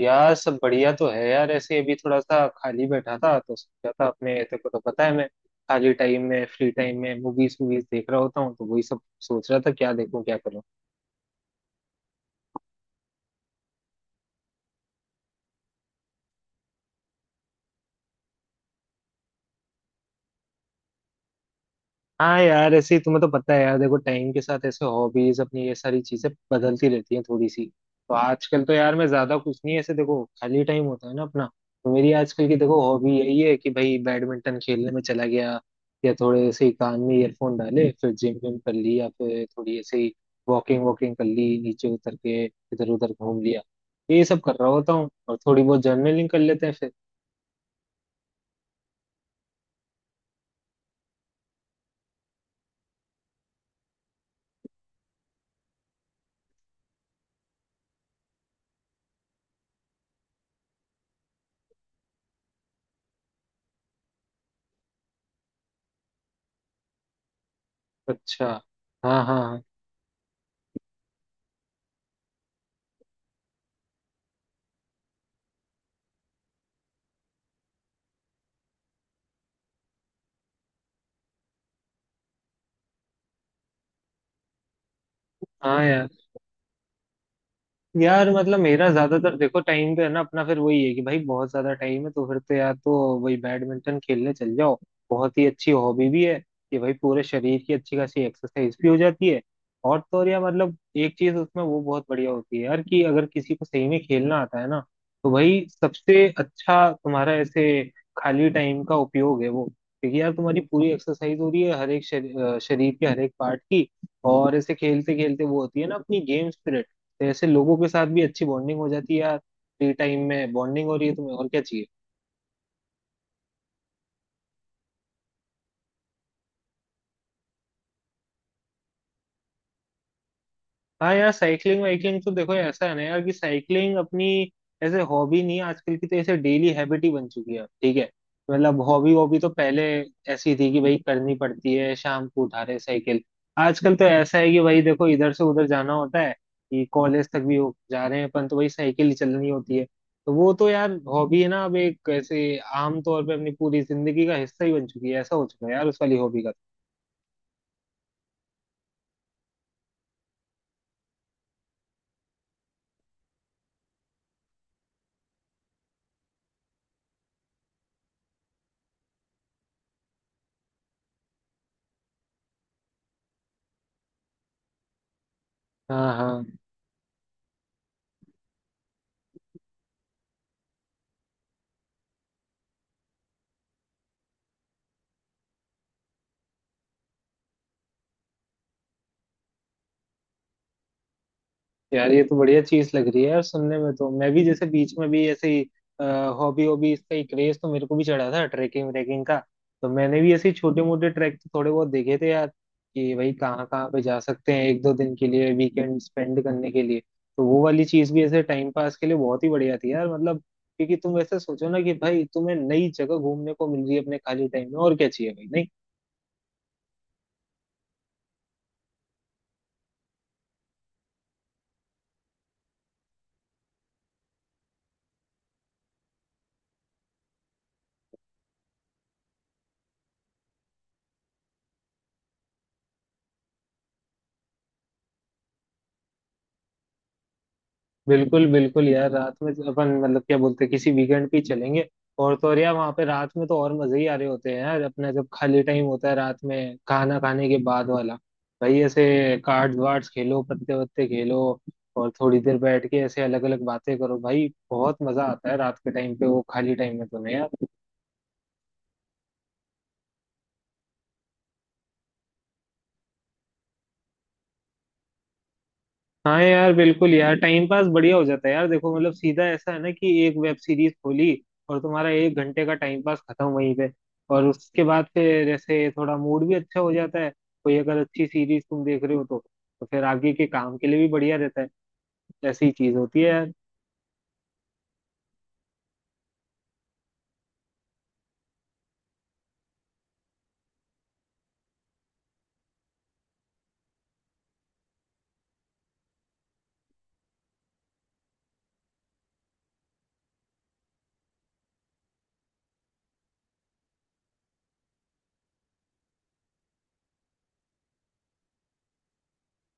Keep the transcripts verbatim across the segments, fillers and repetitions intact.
यार सब बढ़िया तो है यार। ऐसे अभी थोड़ा सा खाली बैठा था तो सोचा था, अपने तेरे को तो पता है मैं खाली टाइम में, फ्री टाइम में मूवीज वूवीज देख रहा होता हूँ, तो वही सब सोच रहा था क्या देखूं क्या करूं। हाँ यार ऐसे ही, तुम्हें तो पता है यार, देखो टाइम के साथ ऐसे हॉबीज अपनी ये सारी चीजें बदलती रहती हैं थोड़ी सी। तो आजकल तो यार मैं ज्यादा कुछ नहीं, ऐसे देखो खाली टाइम होता है ना अपना, तो मेरी आजकल की देखो हॉबी यही है कि भाई बैडमिंटन खेलने में चला गया, या थोड़े ऐसे ही कान में ईयरफोन डाले फिर जिम विम कर ली, या फिर थोड़ी ऐसे ही वॉकिंग वॉकिंग कर ली, नीचे उतर के इधर उधर घूम लिया। ये सब कर रहा होता हूँ और थोड़ी बहुत जर्नलिंग कर लेते हैं फिर। अच्छा। हाँ हाँ हाँ। हाँ यार। यार मतलब मेरा ज्यादातर देखो टाइम तो है ना अपना, फिर वही है कि भाई बहुत ज्यादा टाइम है तो फिर तो यार तो वही बैडमिंटन खेलने चल जाओ। बहुत ही अच्छी हॉबी भी है कि भाई पूरे शरीर की अच्छी खासी एक्सरसाइज भी हो जाती है। और तो और यार, मतलब एक चीज उसमें वो बहुत बढ़िया होती है यार, कि अगर किसी को सही में खेलना आता है ना तो भाई सबसे अच्छा तुम्हारा ऐसे खाली टाइम का उपयोग है वो। क्योंकि यार तुम्हारी पूरी एक्सरसाइज हो रही है, हर एक शरी, अ, शरीर के हर एक पार्ट की। और ऐसे खेलते खेलते वो होती है ना अपनी गेम स्पिरिट, तो ऐसे लोगों के साथ भी अच्छी बॉन्डिंग हो जाती है यार। फ्री टाइम में बॉन्डिंग हो रही है तुम्हें और क्या चाहिए। हाँ यार साइकिलिंग वाइकलिंग तो देखो ऐसा है ना यार कि साइकिलिंग अपनी ऐसे हॉबी नहीं है आजकल की, तो ऐसे डेली हैबिट ही बन चुकी है ठीक है। मतलब हॉबी वॉबी तो पहले ऐसी थी कि भाई करनी पड़ती है शाम को, उठा रहे साइकिल। आजकल तो ऐसा है कि भाई देखो इधर से उधर जाना होता है, कि कॉलेज तक भी हो जा रहे हैं अपन तो भाई साइकिल ही चलनी होती है। तो वो तो यार हॉबी है ना अब एक, ऐसे आम तौर पे अपनी पूरी जिंदगी का हिस्सा ही बन चुकी है, ऐसा हो चुका है यार उस वाली हॉबी का। हाँ हाँ। यार ये तो बढ़िया चीज लग रही है यार सुनने में, तो मैं भी जैसे बीच में भी ऐसे ही हॉबी हॉबी, इसका ही क्रेज तो मेरे को भी चढ़ा था ट्रैकिंग व्रेकिंग का। तो मैंने भी ऐसे छोटे मोटे ट्रैक तो थोड़े बहुत देखे थे यार, कि भाई कहाँ कहाँ पे जा सकते हैं एक दो दिन के लिए वीकेंड स्पेंड करने के लिए। तो वो वाली चीज भी ऐसे टाइम पास के लिए बहुत ही बढ़िया थी यार, मतलब क्योंकि तुम ऐसे सोचो ना कि भाई तुम्हें नई जगह घूमने को मिल रही है अपने खाली टाइम में, और क्या चाहिए भाई। बिल्कुल बिल्कुल यार, रात में तो अपन मतलब क्या बोलते हैं, किसी वीकेंड पे ही चलेंगे। और तो और यार वहाँ पे रात में तो और मजे ही आ रहे होते हैं यार, अपना जब खाली टाइम होता है रात में खाना खाने के बाद वाला, भाई ऐसे कार्ड्स वार्ड्स खेलो पत्ते वत्ते खेलो और थोड़ी देर बैठ के ऐसे अलग अलग बातें करो, भाई बहुत मजा आता है रात के टाइम पे वो खाली टाइम में, तो नहीं यार। हाँ यार बिल्कुल यार, टाइम पास बढ़िया हो जाता है यार, देखो मतलब सीधा ऐसा है ना कि एक वेब सीरीज खोली और तुम्हारा एक घंटे का टाइम पास खत्म वहीं पे। और उसके बाद फिर ऐसे थोड़ा मूड भी अच्छा हो जाता है, कोई अगर अच्छी सीरीज तुम देख रहे हो तो तो फिर आगे के काम के लिए भी बढ़िया रहता है। ऐसी चीज होती है यार।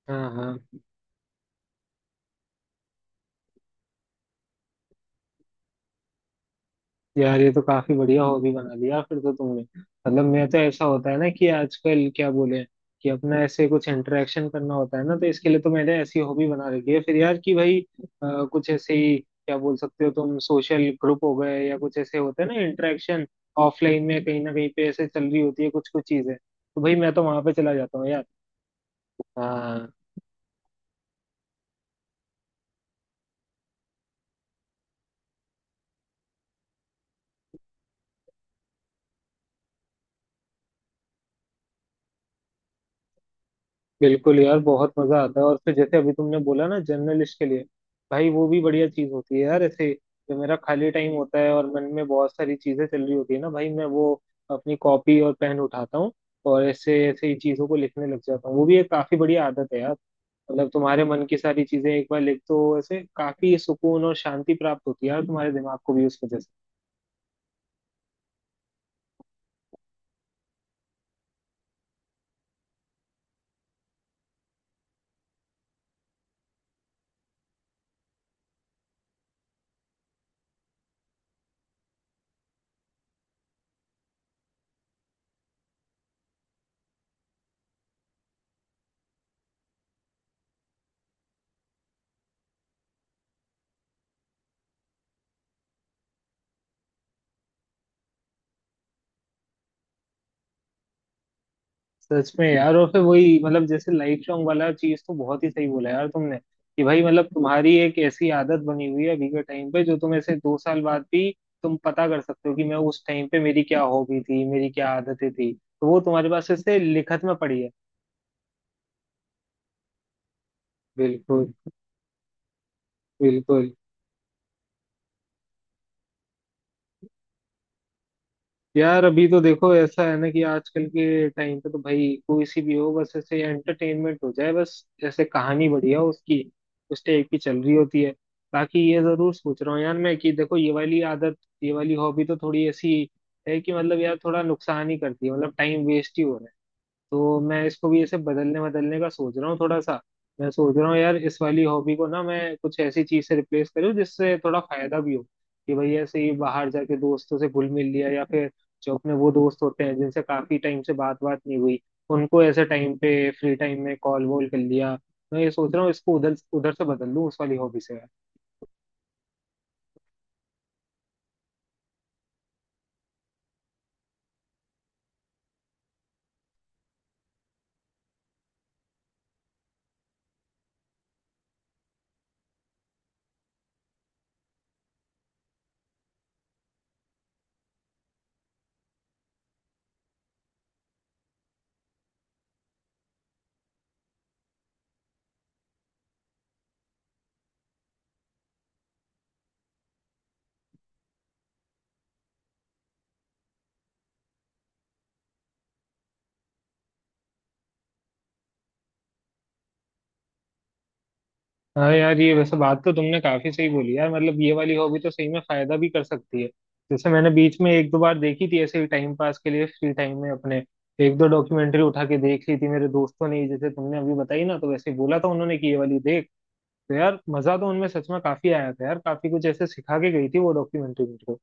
हाँ हाँ। यार ये तो काफी बढ़िया हॉबी बना लिया फिर तो तुमने। मतलब मैं तो, ऐसा होता है ना कि आजकल क्या बोले, कि अपना ऐसे कुछ इंटरेक्शन करना होता है ना, तो इसके लिए तो मैंने ऐसी हॉबी बना रखी है फिर यार, कि भाई अ, कुछ ऐसे ही क्या बोल सकते हो तुम, सोशल ग्रुप हो गए या कुछ ऐसे होते हैं ना इंटरेक्शन, ऑफलाइन में कहीं ना कहीं पे ऐसे चल रही होती है कुछ कुछ चीजें, तो भाई मैं तो वहां पे चला जाता हूँ यार। हाँ। बिल्कुल यार बहुत मजा आता है। और फिर जैसे अभी तुमने बोला ना जर्नलिस्ट के लिए, भाई वो भी बढ़िया चीज होती है यार। ऐसे जो मेरा खाली टाइम होता है और मन में बहुत सारी चीजें चल रही होती है ना भाई, मैं वो अपनी कॉपी और पेन उठाता हूँ और ऐसे ऐसे ही चीजों को लिखने लग जाता हूँ। वो भी एक काफी बढ़िया आदत है यार। मतलब तुम्हारे मन की सारी चीजें एक बार लिख दो ऐसे, काफी सुकून और शांति प्राप्त होती है यार तुम्हारे दिमाग को भी उस वजह से। सच में यार। और फिर वही मतलब जैसे लाइट सॉन्ग वाला चीज, तो बहुत ही सही बोला यार तुमने, कि भाई मतलब तुम्हारी एक ऐसी आदत बनी हुई है अभी के टाइम पे, जो तुम ऐसे दो साल बाद भी तुम पता कर सकते हो कि मैं उस टाइम पे मेरी क्या हॉबी थी, मेरी क्या आदतें थी, तो वो तुम्हारे पास ऐसे लिखत में पड़ी है। बिल्कुल। बिल्कुल। यार अभी तो देखो ऐसा है ना कि आजकल के टाइम पे तो भाई कोई सी भी हो, बस ऐसे एंटरटेनमेंट हो जाए बस, ऐसे कहानी बढ़िया हो उसकी, उस टाइप की चल रही होती है। बाकी ये जरूर सोच रहा हूँ यार मैं, कि देखो ये वाली आदत, ये वाली हॉबी तो थोड़ी ऐसी है कि मतलब यार थोड़ा नुकसान ही करती है, मतलब टाइम वेस्ट ही हो रहा है। तो मैं इसको भी ऐसे बदलने बदलने का सोच रहा हूँ थोड़ा सा। मैं सोच रहा हूँ यार इस वाली हॉबी को ना मैं कुछ ऐसी चीज से रिप्लेस करूँ जिससे थोड़ा फायदा भी हो, कि भाई ऐसे ही बाहर जाके दोस्तों से घुल मिल लिया, या फिर जो अपने वो दोस्त होते हैं जिनसे काफी टाइम से बात बात नहीं हुई, उनको ऐसे टाइम पे फ्री टाइम में कॉल वॉल कर लिया। मैं ये सोच रहा हूँ इसको उधर उधर से बदल लूँ उस वाली हॉबी से। हाँ यार ये वैसे बात तो तुमने काफी सही बोली यार, मतलब ये वाली हॉबी तो सही में फायदा भी कर सकती है। जैसे मैंने बीच में एक दो बार देखी थी ऐसे ही टाइम पास के लिए फ्री टाइम में अपने, एक दो डॉक्यूमेंट्री उठा के देख ली थी मेरे दोस्तों ने ही, जैसे तुमने अभी बताई ना, तो वैसे ही बोला था उन्होंने कि ये वाली देख। तो यार मजा तो उनमें सच में काफी आया था यार, काफी कुछ ऐसे सिखा के गई थी वो डॉक्यूमेंट्री मेरे को।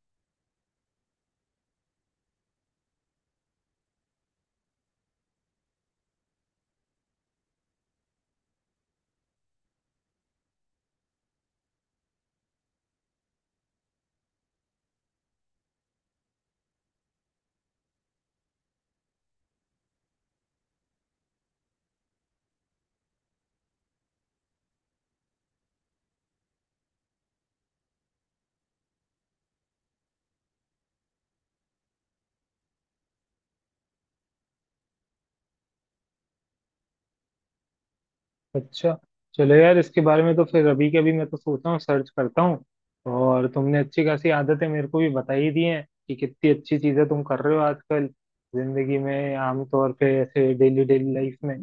अच्छा। चलो यार इसके बारे में तो फिर अभी के अभी मैं तो सोच रहा हूँ सर्च करता हूँ। और तुमने अच्छी खासी आदतें मेरे को भी बता ही दी हैं, कि कितनी अच्छी चीजें तुम कर रहे हो आजकल जिंदगी में, आमतौर पे ऐसे डेली डेली लाइफ में।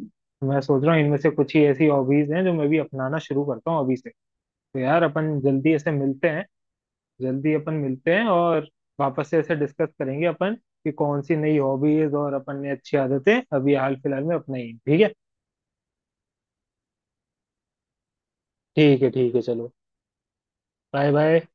मैं सोच रहा हूँ इनमें से कुछ ही ऐसी हॉबीज हैं जो मैं भी अपनाना शुरू करता हूँ अभी से। तो यार अपन जल्दी ऐसे मिलते हैं, जल्दी अपन मिलते हैं, और वापस से ऐसे डिस्कस करेंगे अपन, कि कौन सी नई हॉबीज और अपन ने अच्छी आदतें अभी हाल फिलहाल में अपनाई हैं। ठीक है। ठीक है ठीक है। चलो। Bye bye.